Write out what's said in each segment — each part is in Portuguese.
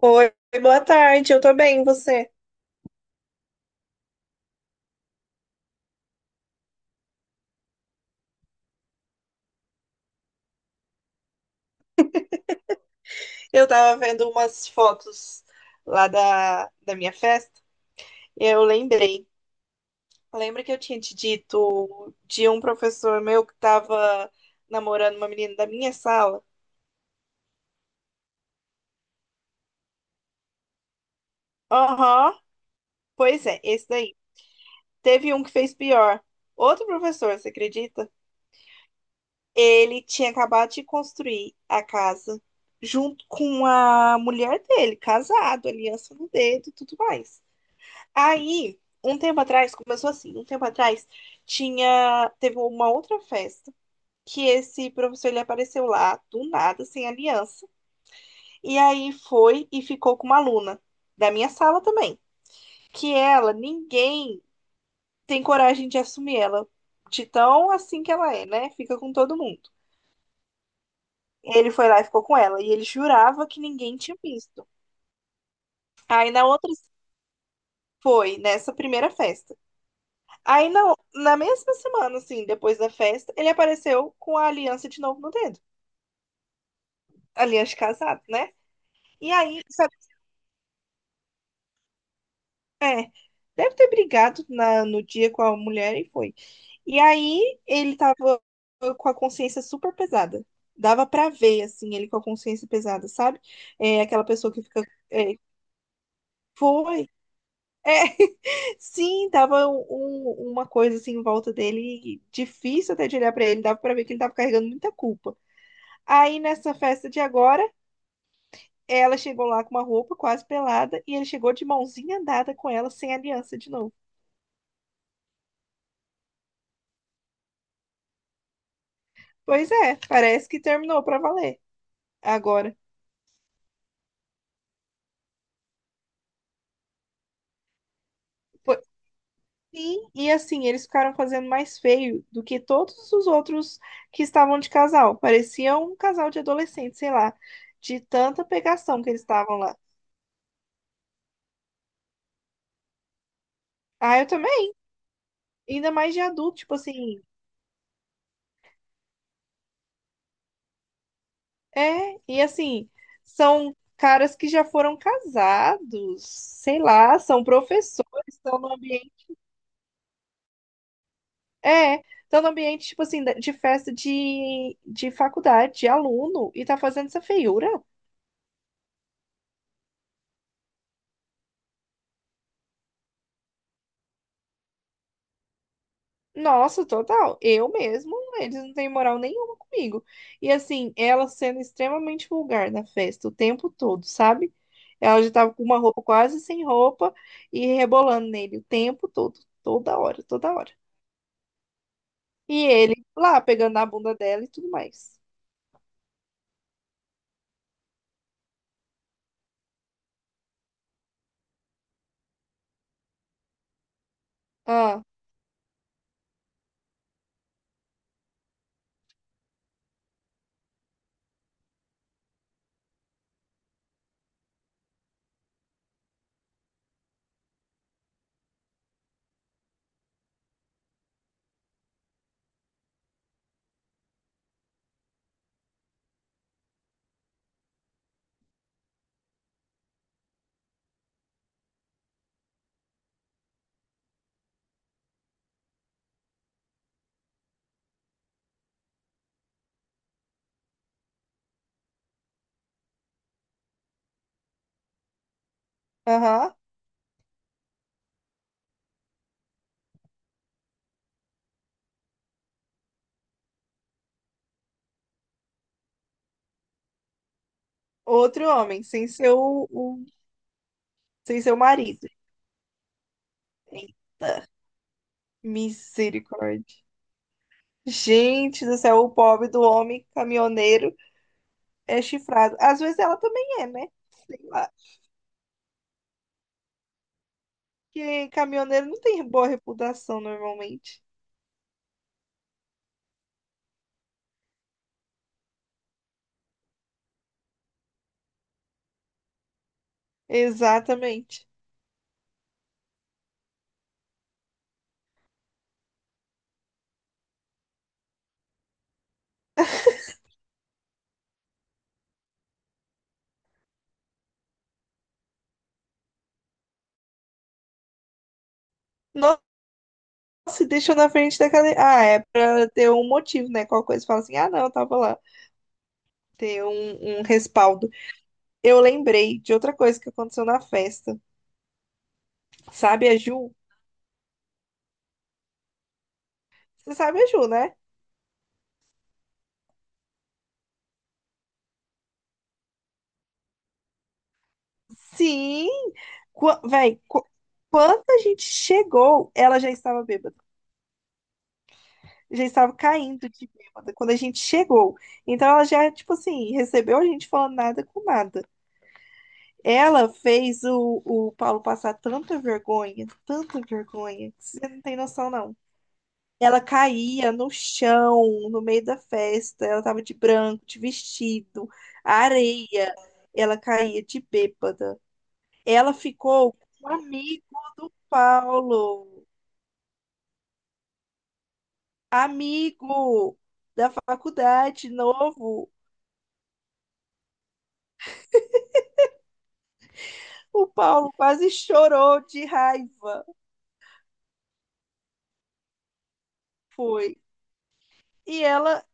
Oi, boa tarde, eu tô bem, e você? Eu tava vendo umas fotos lá da minha festa e eu lembrei. Lembra que eu tinha te dito de um professor meu que tava namorando uma menina da minha sala? Aham, pois é, esse daí. Teve um que fez pior. Outro professor, você acredita? Ele tinha acabado de construir a casa junto com a mulher dele, casado, aliança no dedo e tudo mais. Aí, um tempo atrás, começou assim, um tempo atrás, teve uma outra festa que esse professor ele apareceu lá do nada, sem aliança, e aí foi e ficou com uma aluna da minha sala também, que ela, ninguém tem coragem de assumir ela, de tão assim que ela é, né? Fica com todo mundo. Ele foi lá e ficou com ela, e ele jurava que ninguém tinha visto. Aí na outra foi nessa primeira festa. Aí não, na mesma semana, assim, depois da festa, ele apareceu com a aliança de novo no dedo. Aliança de casado, né? E aí, sabe, é, deve ter brigado no dia com a mulher e foi. E aí ele tava com a consciência super pesada. Dava pra ver, assim, ele com a consciência pesada, sabe? É aquela pessoa que fica. É, foi. É, sim, tava uma coisa assim em volta dele, difícil até de olhar pra ele, dava pra ver que ele tava carregando muita culpa. Aí nessa festa de agora, ela chegou lá com uma roupa quase pelada e ele chegou de mãozinha dada com ela sem aliança de novo. Pois é, parece que terminou pra valer agora. Po- Sim, e assim, eles ficaram fazendo mais feio do que todos os outros que estavam de casal. Parecia um casal de adolescentes, sei lá, de tanta pegação que eles estavam lá. Ah, eu também, ainda mais de adulto, tipo assim, é, e assim, são caras que já foram casados, sei lá, são professores, estão no ambiente. É, estão no ambiente, tipo assim, de festa de faculdade, de aluno, e tá fazendo essa feiura. Nossa, total. Eu mesmo, eles não têm moral nenhuma comigo. E assim, ela sendo extremamente vulgar na festa o tempo todo, sabe? Ela já tava com uma roupa quase sem roupa e rebolando nele o tempo todo, toda hora, toda hora. E ele lá pegando na bunda dela e tudo mais. Ah, aham. Outro homem, sem ser sem ser o marido. Eita, misericórdia. Gente do céu, o pobre do homem caminhoneiro é chifrado. Às vezes ela também é, né? Sei lá. Porque caminhoneiro não tem boa reputação normalmente. Exatamente. Nossa, se deixou na frente da cadeia. Ah, é pra ter um motivo, né? Qualquer coisa fala assim, ah, não, eu tava lá. Ter um respaldo. Eu lembrei de outra coisa que aconteceu na festa. Sabe a Ju? Você sabe a Ju, né? Sim! Qua- Véi, qu- quando a gente chegou, ela já estava bêbada. Já estava caindo de bêbada quando a gente chegou. Então ela já, tipo assim, recebeu a gente falando nada com nada. Ela fez o Paulo passar tanta vergonha, que você não tem noção, não. Ela caía no chão, no meio da festa. Ela tava de branco, de vestido, areia. Ela caía de bêbada. Ela ficou com um amigo do Paulo, amigo da faculdade, novo. O Paulo quase chorou de raiva. Foi. E ela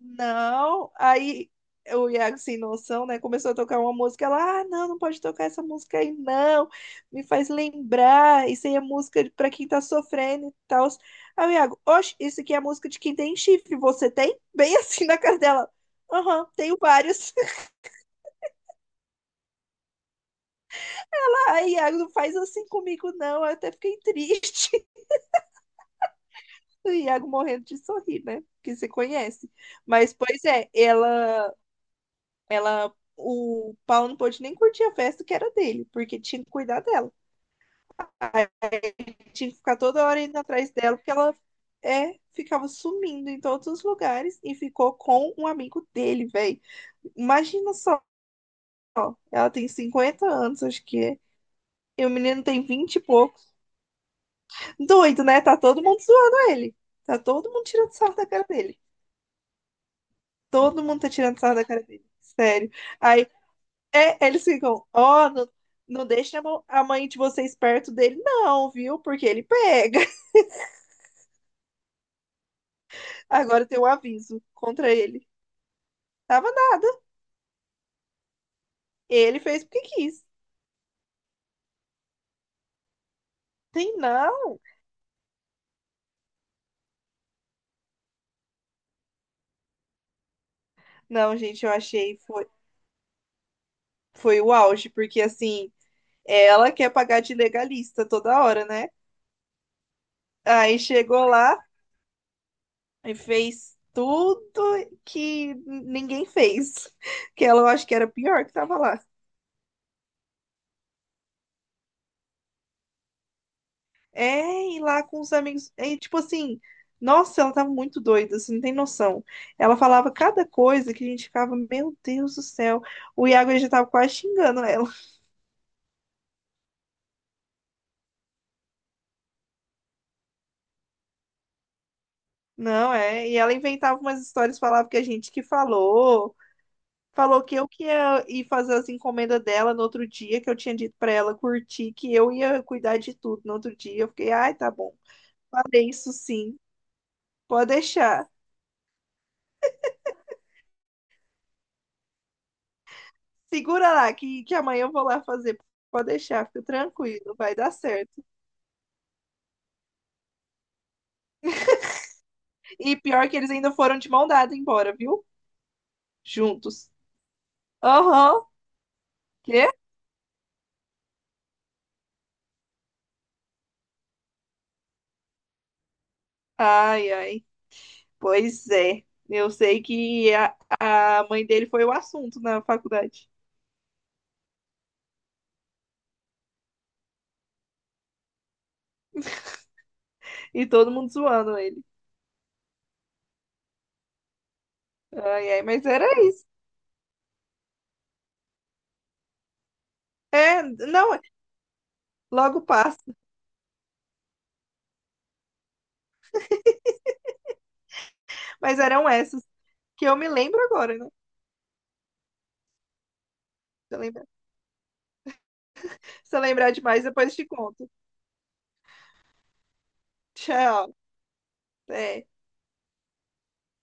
Não, aí o Iago, sem noção, né, começou a tocar uma música. Ela, ah, não, não pode tocar essa música aí, não. Me faz lembrar. Isso aí é música pra quem tá sofrendo e tal. Aí o Iago, oxe, isso aqui é música de quem tem chifre. Você tem? Bem assim na cara dela. Aham, tenho vários. Ai, Iago, não faz assim comigo, não. Eu até fiquei triste. O Iago morrendo de sorrir, né? Que você conhece. Mas, pois é, ela. Ela, o Paulo não pôde nem curtir a festa que era dele, porque tinha que cuidar dela. Aí tinha que ficar toda hora indo atrás dela, porque ela ficava sumindo em todos os lugares e ficou com um amigo dele, velho. Imagina só, ela tem 50 anos, acho que é. E o menino tem 20 e pouco. Doido, né? Tá todo mundo zoando ele. Tá todo mundo tirando sarro da cara dele. Todo mundo tá tirando sarro da cara dele. Sério. Aí É, eles ficam, ó, não, não deixa a mãe de vocês perto dele, não, viu? Porque ele pega. Agora tem um aviso contra ele. Tava nada. Ele fez porque quis. Tem não. Não, gente, eu achei foi, foi o auge, porque assim, ela quer pagar de legalista toda hora, né? Aí chegou lá e fez tudo que ninguém fez. Que ela eu acho que era pior que tava lá. É, e lá com os amigos. É, tipo assim, nossa, ela tava muito doida, você não tem noção. Ela falava cada coisa que a gente ficava, meu Deus do céu. O Iago já tava quase xingando ela. Não, é. E ela inventava umas histórias, falava que a gente que falou. Falou que eu que ia ir fazer as encomendas dela no outro dia, que eu tinha dito pra ela curtir, que eu ia cuidar de tudo no outro dia. Eu fiquei, ai, tá bom. Falei isso sim, pode deixar. Segura lá, que amanhã eu vou lá fazer. Pode deixar, fica tranquilo, vai dar certo. E pior que eles ainda foram de mão dada embora, viu? Juntos. Aham. Quê? Ai, ai. Pois é. Eu sei que a mãe dele foi o assunto na faculdade. E todo mundo zoando ele. Ai, ai, mas era isso. É, não, logo passa. Mas eram essas que eu me lembro agora, né? Se eu lembrar, se eu lembrar demais, depois eu te conto. Tchau. Até.